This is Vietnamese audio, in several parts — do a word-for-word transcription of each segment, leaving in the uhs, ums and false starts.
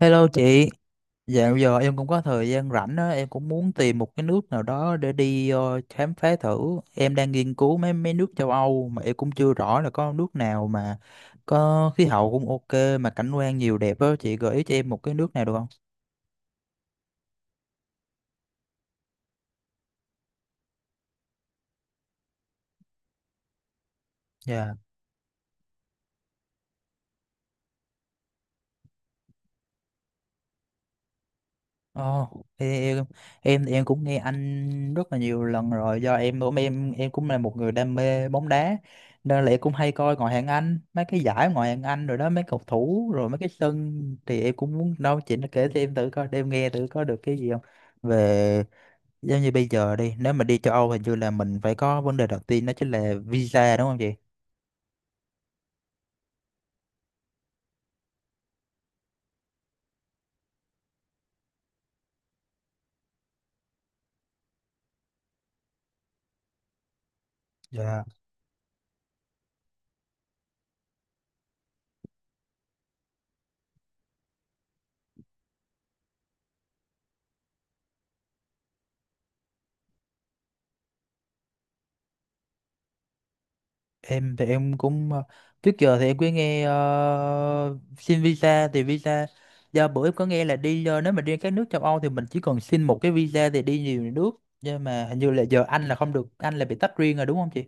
Hello chị, dạo giờ em cũng có thời gian rảnh á, em cũng muốn tìm một cái nước nào đó để đi ờ, khám phá thử. Em đang nghiên cứu mấy mấy nước châu Âu mà em cũng chưa rõ là có nước nào mà có khí hậu cũng ok mà cảnh quan nhiều đẹp á, chị gợi ý cho em một cái nước nào được không? Dạ. Ồ, thì em em thì em cũng nghe anh rất là nhiều lần rồi do em cũng em em cũng là một người đam mê bóng đá nên là em cũng hay coi ngoại hạng Anh mấy cái giải ngoại hạng Anh rồi đó mấy cầu thủ rồi mấy cái sân thì em cũng muốn đâu chị nó kể cho em thử coi để em nghe thử có được cái gì không về giống như bây giờ đi nếu mà đi châu Âu hình như là mình phải có vấn đề đầu tiên đó chính là visa đúng không chị? Dạ. Em thì em cũng ờ, trước giờ thì em cứ nghe ờ, xin visa thì visa do bữa em có nghe là đi ờ, nếu mà đi các nước châu Âu thì mình chỉ cần xin một cái visa thì đi nhiều nước, nhưng mà hình như là giờ Anh là không được, Anh là bị tách riêng rồi đúng không chị?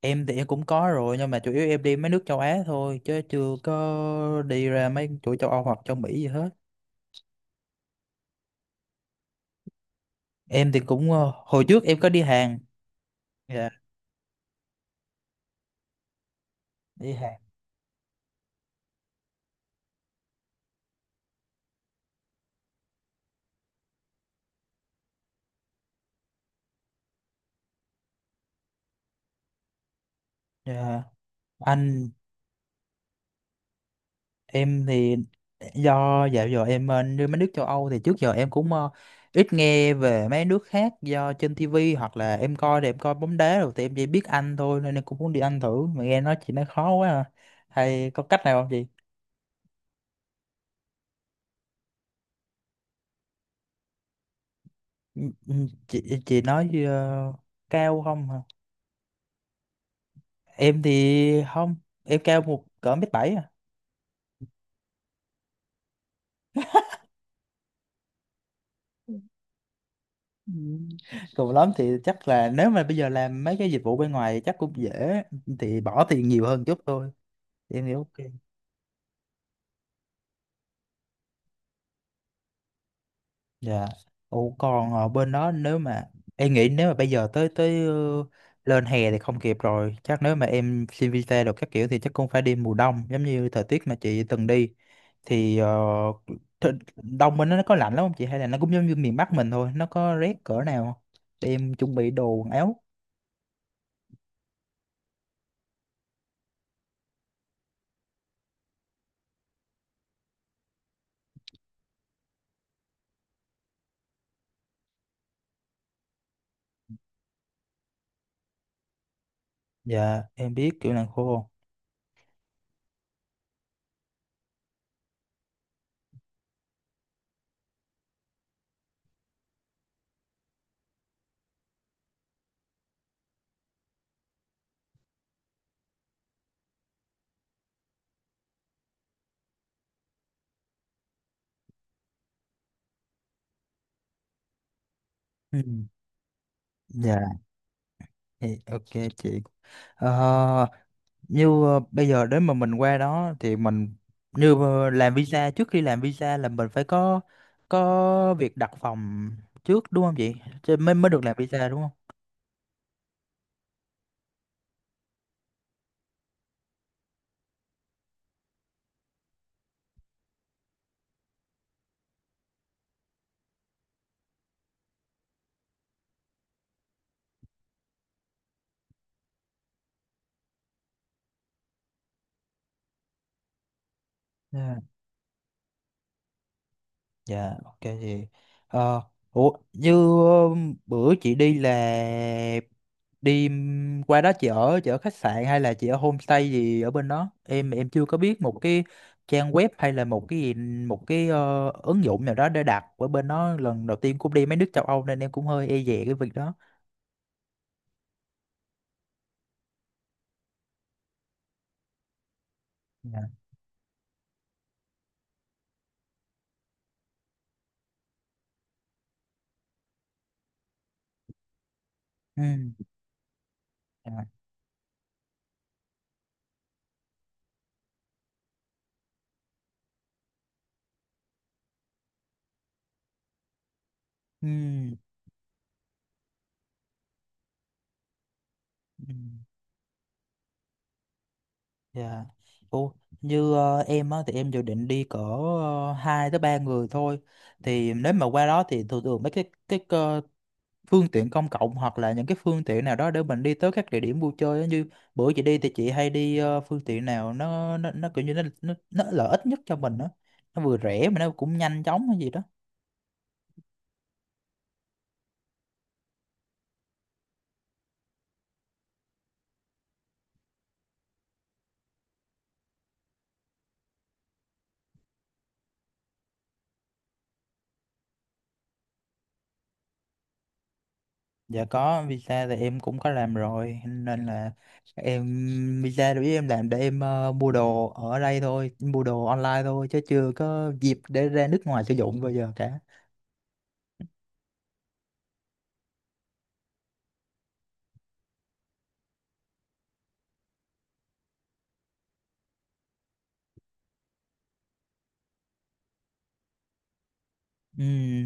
Em thì em cũng có rồi nhưng mà chủ yếu em đi mấy nước châu Á thôi chứ chưa có đi ra mấy chỗ châu Âu hoặc châu Mỹ gì hết. Em thì cũng ờ, hồi trước em có đi Hàn. Dạ, đi Hàn. Dạ. Anh em thì do dạo giờ em bên mấy nước châu Âu thì trước giờ em cũng ờ, ít nghe về mấy nước khác do trên ti vi hoặc là em coi thì em coi bóng đá rồi thì em chỉ biết Anh thôi nên em cũng muốn đi Anh thử mà nghe nói chị nói khó quá à. Hay có cách nào không chị? Ừ, ừ, Chị chị nói ờ, cao không hả? Em thì không, em cao một cỡ mét bảy à. Ừ. Cùng lắm thì chắc là nếu mà bây giờ làm mấy cái dịch vụ bên ngoài thì chắc cũng dễ, thì bỏ tiền nhiều hơn chút thôi. Em hiểu. Dạ. Ủa còn ở bên đó nếu mà em nghĩ nếu mà bây giờ tới tới ờ, lên hè thì không kịp rồi. Chắc nếu mà em xin visa được các kiểu thì chắc cũng phải đi mùa đông giống như thời tiết mà chị từng đi, thì ờ, th- đông bên đó nó có lạnh lắm không chị, hay là nó cũng giống như miền Bắc mình thôi, nó có rét cỡ nào không? Để em chuẩn bị đồ quần áo. Dạ, em biết kiểu làng khô. Ừ. Dạ, thì ok chị. Ờ, như ờ, bây giờ đến mà mình qua đó thì mình như ờ, làm visa, trước khi làm visa là mình phải có có việc đặt phòng trước đúng không chị? Chứ mới mới được làm visa đúng không? Dạ, ok chị. Ờ, ủa, như ờ, bữa chị đi là đi ừm, qua đó chị ở, chị ở khách sạn hay là chị ở homestay gì ở bên đó? Em em chưa có biết một cái trang web hay là một cái gì, một cái ờ, ứng dụng nào đó để đặt ở bên đó, lần đầu tiên cũng đi mấy nước châu Âu nên em cũng hơi e dè cái việc đó. Dạ. Ừ. Dạ. Ừ. Ừ. Dạ. Ủa, như ờ, em á, thì em dự định đi cỡ uh, hai tới ba người thôi. Thì nếu mà qua đó thì thường thường mấy cái cái ờ, phương tiện công cộng hoặc là những cái phương tiện nào đó để mình đi tới các địa điểm vui chơi á. Như bữa chị đi thì chị hay đi ờ, phương tiện nào nó nó nó kiểu như nó nó, nó lợi ích nhất cho mình đó. Nó vừa rẻ mà nó cũng nhanh chóng hay gì đó. Dạ có, visa thì em cũng có làm rồi. Nên là em visa đối với em làm để em ờ, mua đồ ở đây thôi, mua đồ online thôi chứ chưa có dịp để ra nước ngoài sử dụng bao giờ cả. Ừ.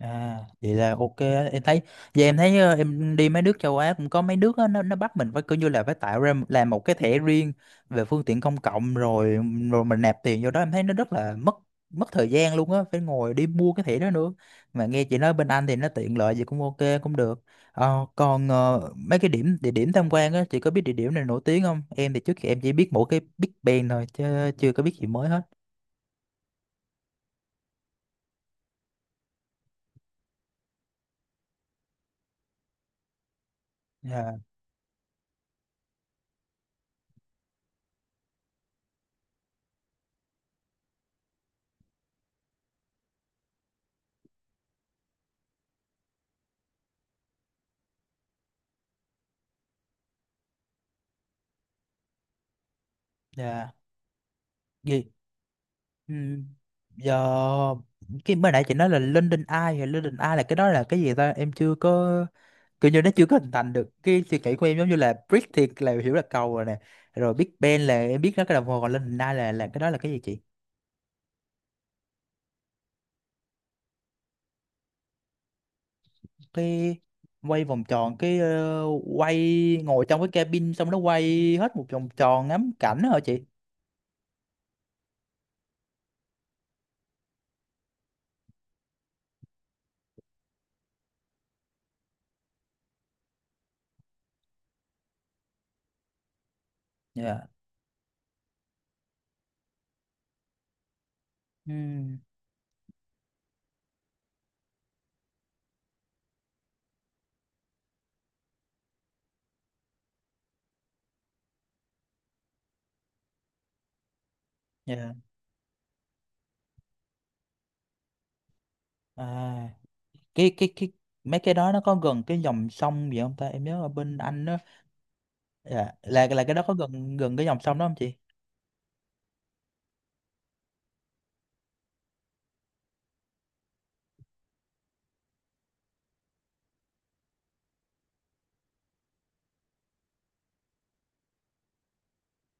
À, vậy là ok á. Em thấy giờ em thấy ờ, em đi mấy nước châu Á cũng có mấy nước á, nó nó bắt mình phải cứ như là phải tạo ra làm một cái thẻ riêng về phương tiện công cộng rồi, rồi mình nạp tiền vô đó, em thấy nó rất là mất mất thời gian luôn á, phải ngồi đi mua cái thẻ đó nữa, mà nghe chị nói bên Anh thì nó tiện lợi gì cũng ok cũng được. Ờ, còn ờ, mấy cái điểm địa điểm tham quan á, chị có biết địa điểm này nổi tiếng không, em thì trước kia em chỉ biết mỗi cái Big Ben thôi chứ chưa có biết gì mới hết. Dạ, dạ. Ừ. Giờ cái mới nãy chị nói là London Eye, thì London Eye là cái đó là cái gì ta, em chưa có kiểu như nó chưa có hình thành được cái suy nghĩ của em, giống như là Brick thì là hiểu là cầu rồi nè, rồi Big Ben là em biết nó cái đồng hồ, còn London Eye là là cái đó là cái gì chị? Cái quay vòng tròn, cái ờ, quay ngồi trong cái cabin xong nó quay hết một vòng tròn ngắm cảnh đó hả chị? Dạ. Ừ. Dạ. À, cái cái cái mấy cái đó nó có gần cái dòng sông gì không ta, em nhớ ở bên Anh. Dạ, là là cái đó có gần, gần cái dòng sông đó không chị?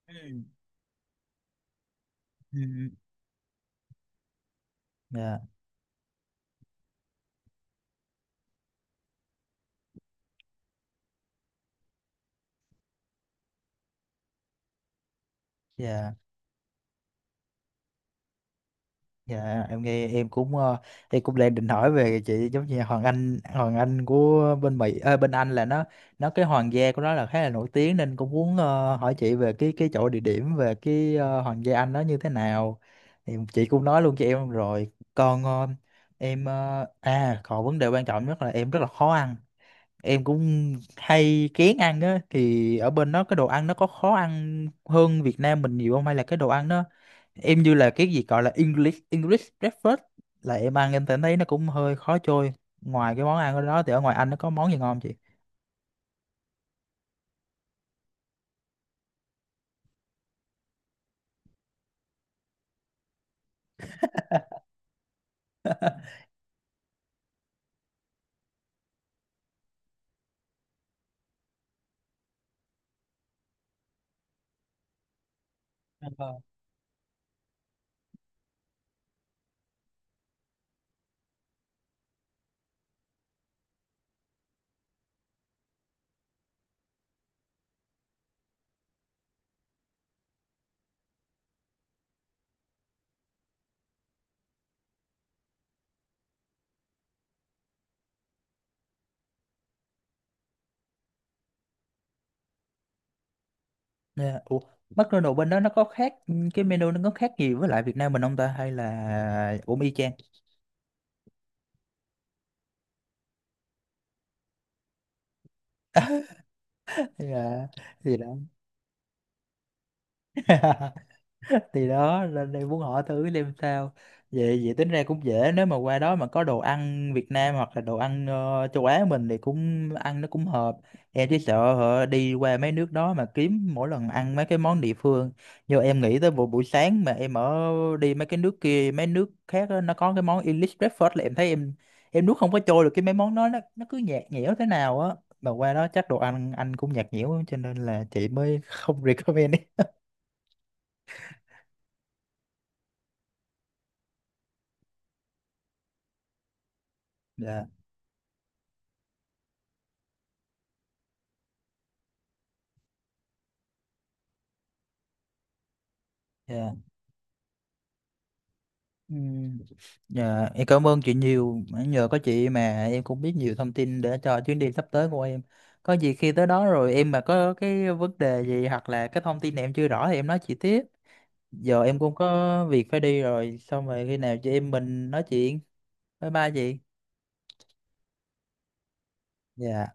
Ừ. Ừ. Dạ, dạ, dạ, em nghe em cũng ờ, em cũng đang định hỏi về chị, giống như Hoàng Anh, Hoàng Anh của bên Mỹ, ờ, bên Anh là nó nó cái hoàng gia của nó là khá là nổi tiếng nên cũng muốn ờ, hỏi chị về cái cái chỗ địa điểm về cái ờ, hoàng gia Anh nó như thế nào, thì chị cũng nói luôn cho em rồi. Còn ờ, em ờ, à còn vấn đề quan trọng nhất là em rất là khó ăn, em cũng hay kén ăn á, thì ở bên đó cái đồ ăn nó có khó ăn hơn Việt Nam mình nhiều không, hay là cái đồ ăn nó em như là cái gì gọi là English English breakfast là em ăn em thấy thấy nó cũng hơi khó trôi, ngoài cái món ăn ở đó thì ở ngoài Anh nó có món gì ngon không chị? Ờ. Yeah. Ủa, McDonald's bên đó nó có khác, cái menu nó có khác gì với lại Việt Nam mình không ta, hay là cũng y chang hay là gì đó? Thì đó nên em muốn hỏi thử xem sao. Vậy vậy tính ra cũng dễ, nếu mà qua đó mà có đồ ăn Việt Nam hoặc là đồ ăn ờ, châu Á mình thì cũng ăn nó cũng hợp. Em chỉ sợ hả, đi qua mấy nước đó mà kiếm mỗi lần ăn mấy cái món địa phương, nhưng em nghĩ tới buổi buổi sáng mà em ở đi mấy cái nước kia mấy nước khác á, nó có cái món English breakfast là em thấy em em nuốt không có trôi được, cái mấy món đó nó nó cứ nhạt nhẽo thế nào á, mà qua đó chắc đồ ăn anh cũng nhạt nhẽo cho nên là chị mới không recommend ấy. Dạ. Dạ. Ừ. Dạ, em cảm ơn chị nhiều. Nhờ có chị mà em cũng biết nhiều thông tin để cho chuyến đi sắp tới của em. Có gì khi tới đó rồi em mà có cái vấn đề gì hoặc là cái thông tin em chưa rõ thì em nói chị tiếp. Giờ em cũng có việc phải đi rồi. Xong rồi khi nào chị em mình nói chuyện. Bye bye chị. Dạ.